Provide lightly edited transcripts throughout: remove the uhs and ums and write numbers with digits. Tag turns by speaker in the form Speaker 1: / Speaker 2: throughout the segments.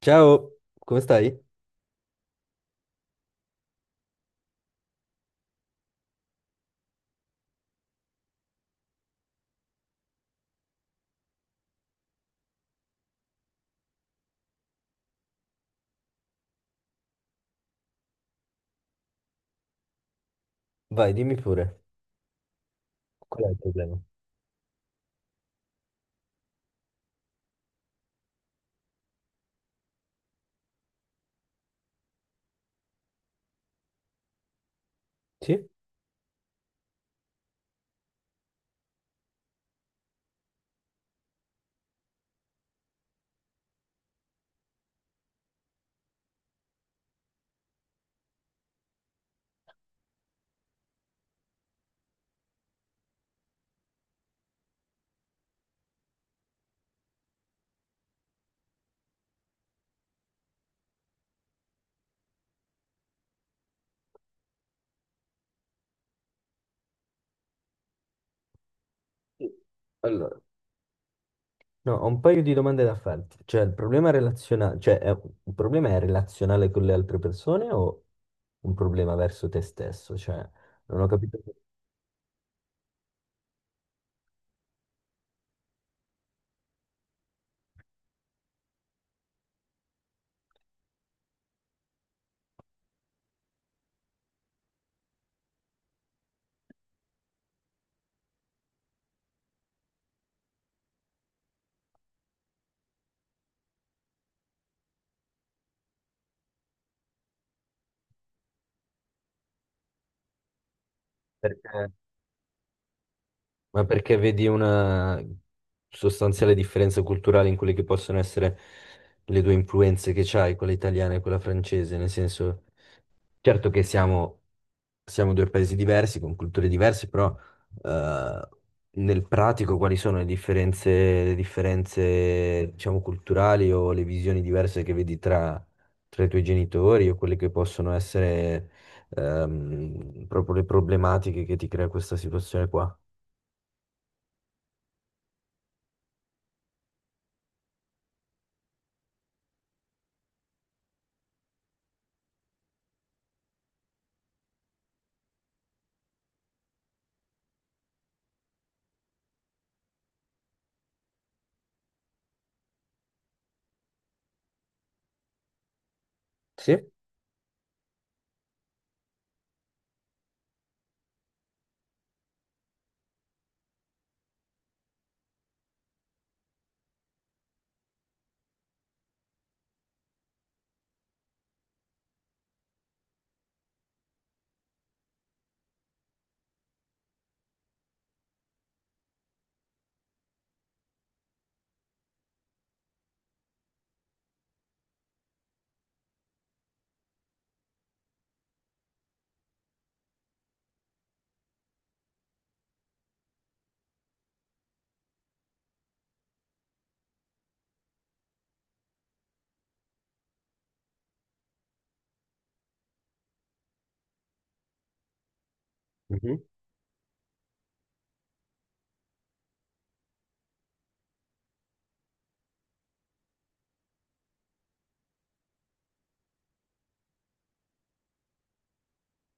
Speaker 1: Ciao, come stai? Vai, dimmi pure, qual è il problema? Sì? Sì. Allora, no, ho un paio di domande da farti. Cioè, il problema relazionale, cioè, è- il problema è relazionale con le altre persone o un problema verso te stesso? Cioè, non ho capito perché, ma perché vedi una sostanziale differenza culturale in quelle che possono essere le due influenze che c'hai, quella italiana e quella francese? Nel senso, certo che siamo due paesi diversi, con culture diverse, però eh, nel pratico quali sono le differenze, diciamo, culturali o le visioni diverse che vedi tra, tra i tuoi genitori o quelle che possono essere, proprio le problematiche che ti crea questa situazione qua? Sì? Mhm.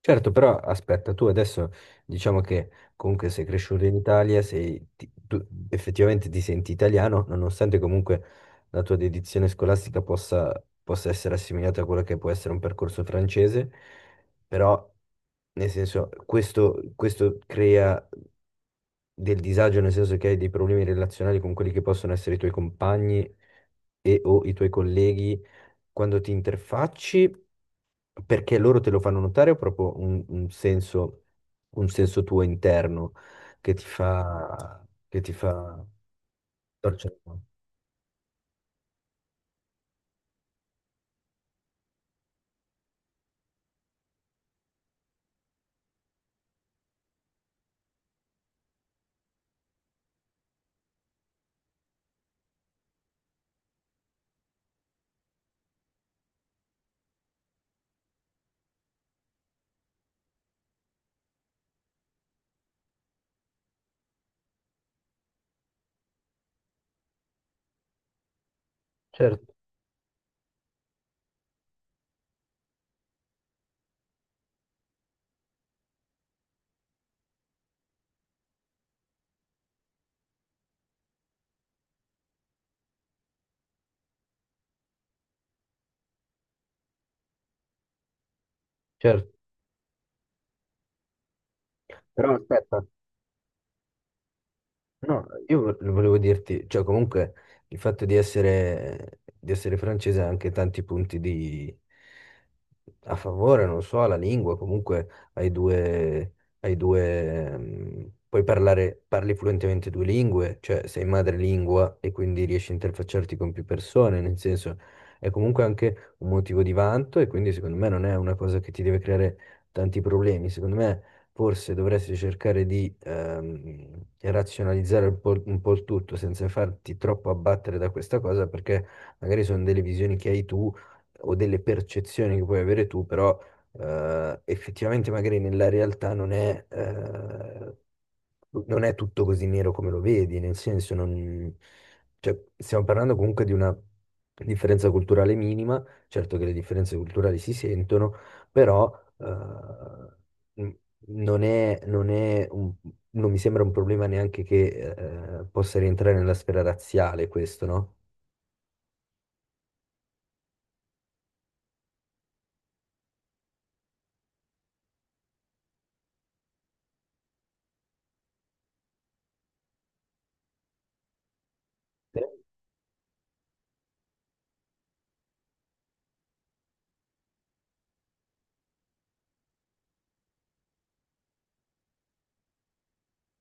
Speaker 1: Certo, però aspetta, tu adesso diciamo che comunque sei cresciuto in Italia, sei, tu effettivamente ti senti italiano, nonostante comunque la tua dedizione scolastica possa, possa essere assimilata a quello che può essere un percorso francese, però nel senso questo, questo crea del disagio, nel senso che hai dei problemi relazionali con quelli che possono essere i tuoi compagni e o i tuoi colleghi quando ti interfacci, perché loro te lo fanno notare o proprio un senso tuo interno che ti fa torcere il naso? Certo, certo. Però aspetta, no, io volevo dirti, cioè comunque il fatto di essere francese ha anche tanti punti di, a favore, non so, alla lingua. Comunque hai due, hai due, puoi parlare, parli fluentemente due lingue, cioè sei madrelingua e quindi riesci a interfacciarti con più persone. Nel senso, è comunque anche un motivo di vanto e quindi secondo me non è una cosa che ti deve creare tanti problemi. Secondo me forse dovresti cercare di razionalizzare un po' il tutto senza farti troppo abbattere da questa cosa, perché magari sono delle visioni che hai tu o delle percezioni che puoi avere tu, però effettivamente magari nella realtà non è, non è tutto così nero come lo vedi, nel senso non, cioè, stiamo parlando comunque di una differenza culturale minima. Certo che le differenze culturali si sentono, però eh, non è, non è un- non mi sembra un problema neanche che possa rientrare nella sfera razziale, questo, no? Sì.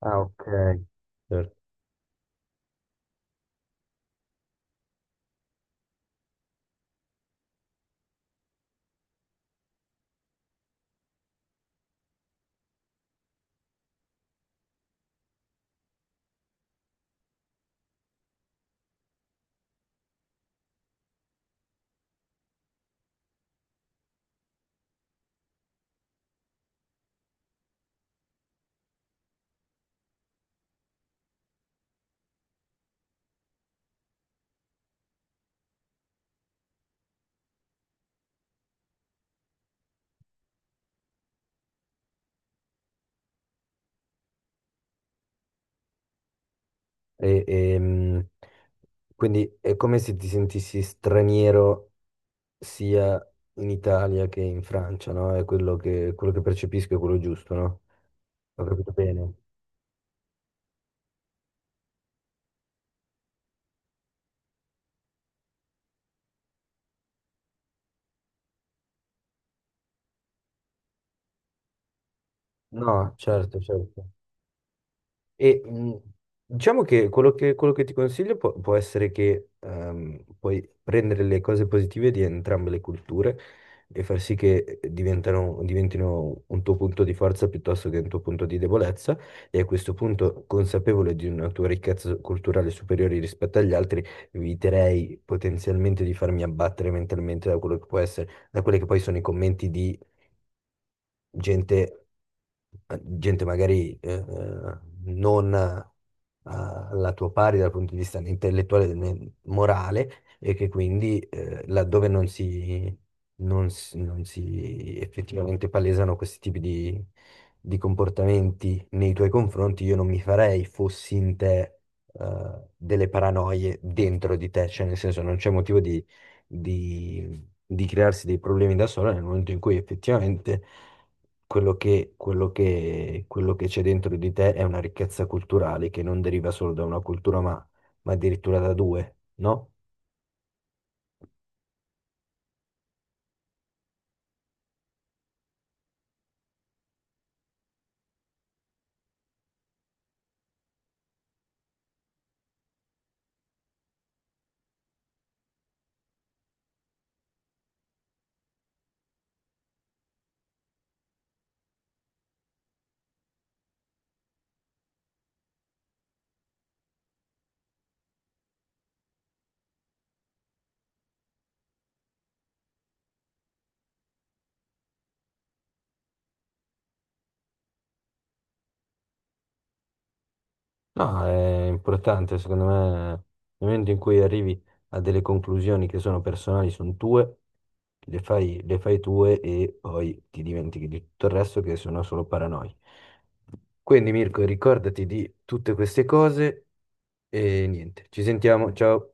Speaker 1: Ah, ok. Certo. E- ehm, quindi è come se ti sentissi straniero sia in Italia che in Francia, no? È quello che percepisco è quello giusto, no? Ho capito bene? No, certo, certo. E diciamo che quello che, quello che ti consiglio può, può essere che puoi prendere le cose positive di entrambe le culture e far sì che diventino un tuo punto di forza piuttosto che un tuo punto di debolezza. E a questo punto, consapevole di una tua ricchezza culturale superiore rispetto agli altri, eviterei potenzialmente di farmi abbattere mentalmente da quello che può essere, da quelli che poi sono i commenti di gente, gente magari non alla tua pari dal punto di vista né intellettuale né morale, e che quindi laddove non si, non si effettivamente palesano questi tipi di comportamenti nei tuoi confronti, io non mi farei, fossi in te, delle paranoie dentro di te. Cioè, nel senso, non c'è motivo di crearsi dei problemi da sola, nel momento in cui effettivamente quello che, quello che, quello che c'è dentro di te è una ricchezza culturale che non deriva solo da una cultura, ma addirittura da due, no? No, è importante, secondo me, nel momento in cui arrivi a delle conclusioni che sono personali, sono tue, le fai tue e poi ti dimentichi di tutto il resto che sono solo paranoie. Quindi Mirko, ricordati di tutte queste cose. E niente, ci sentiamo, ciao.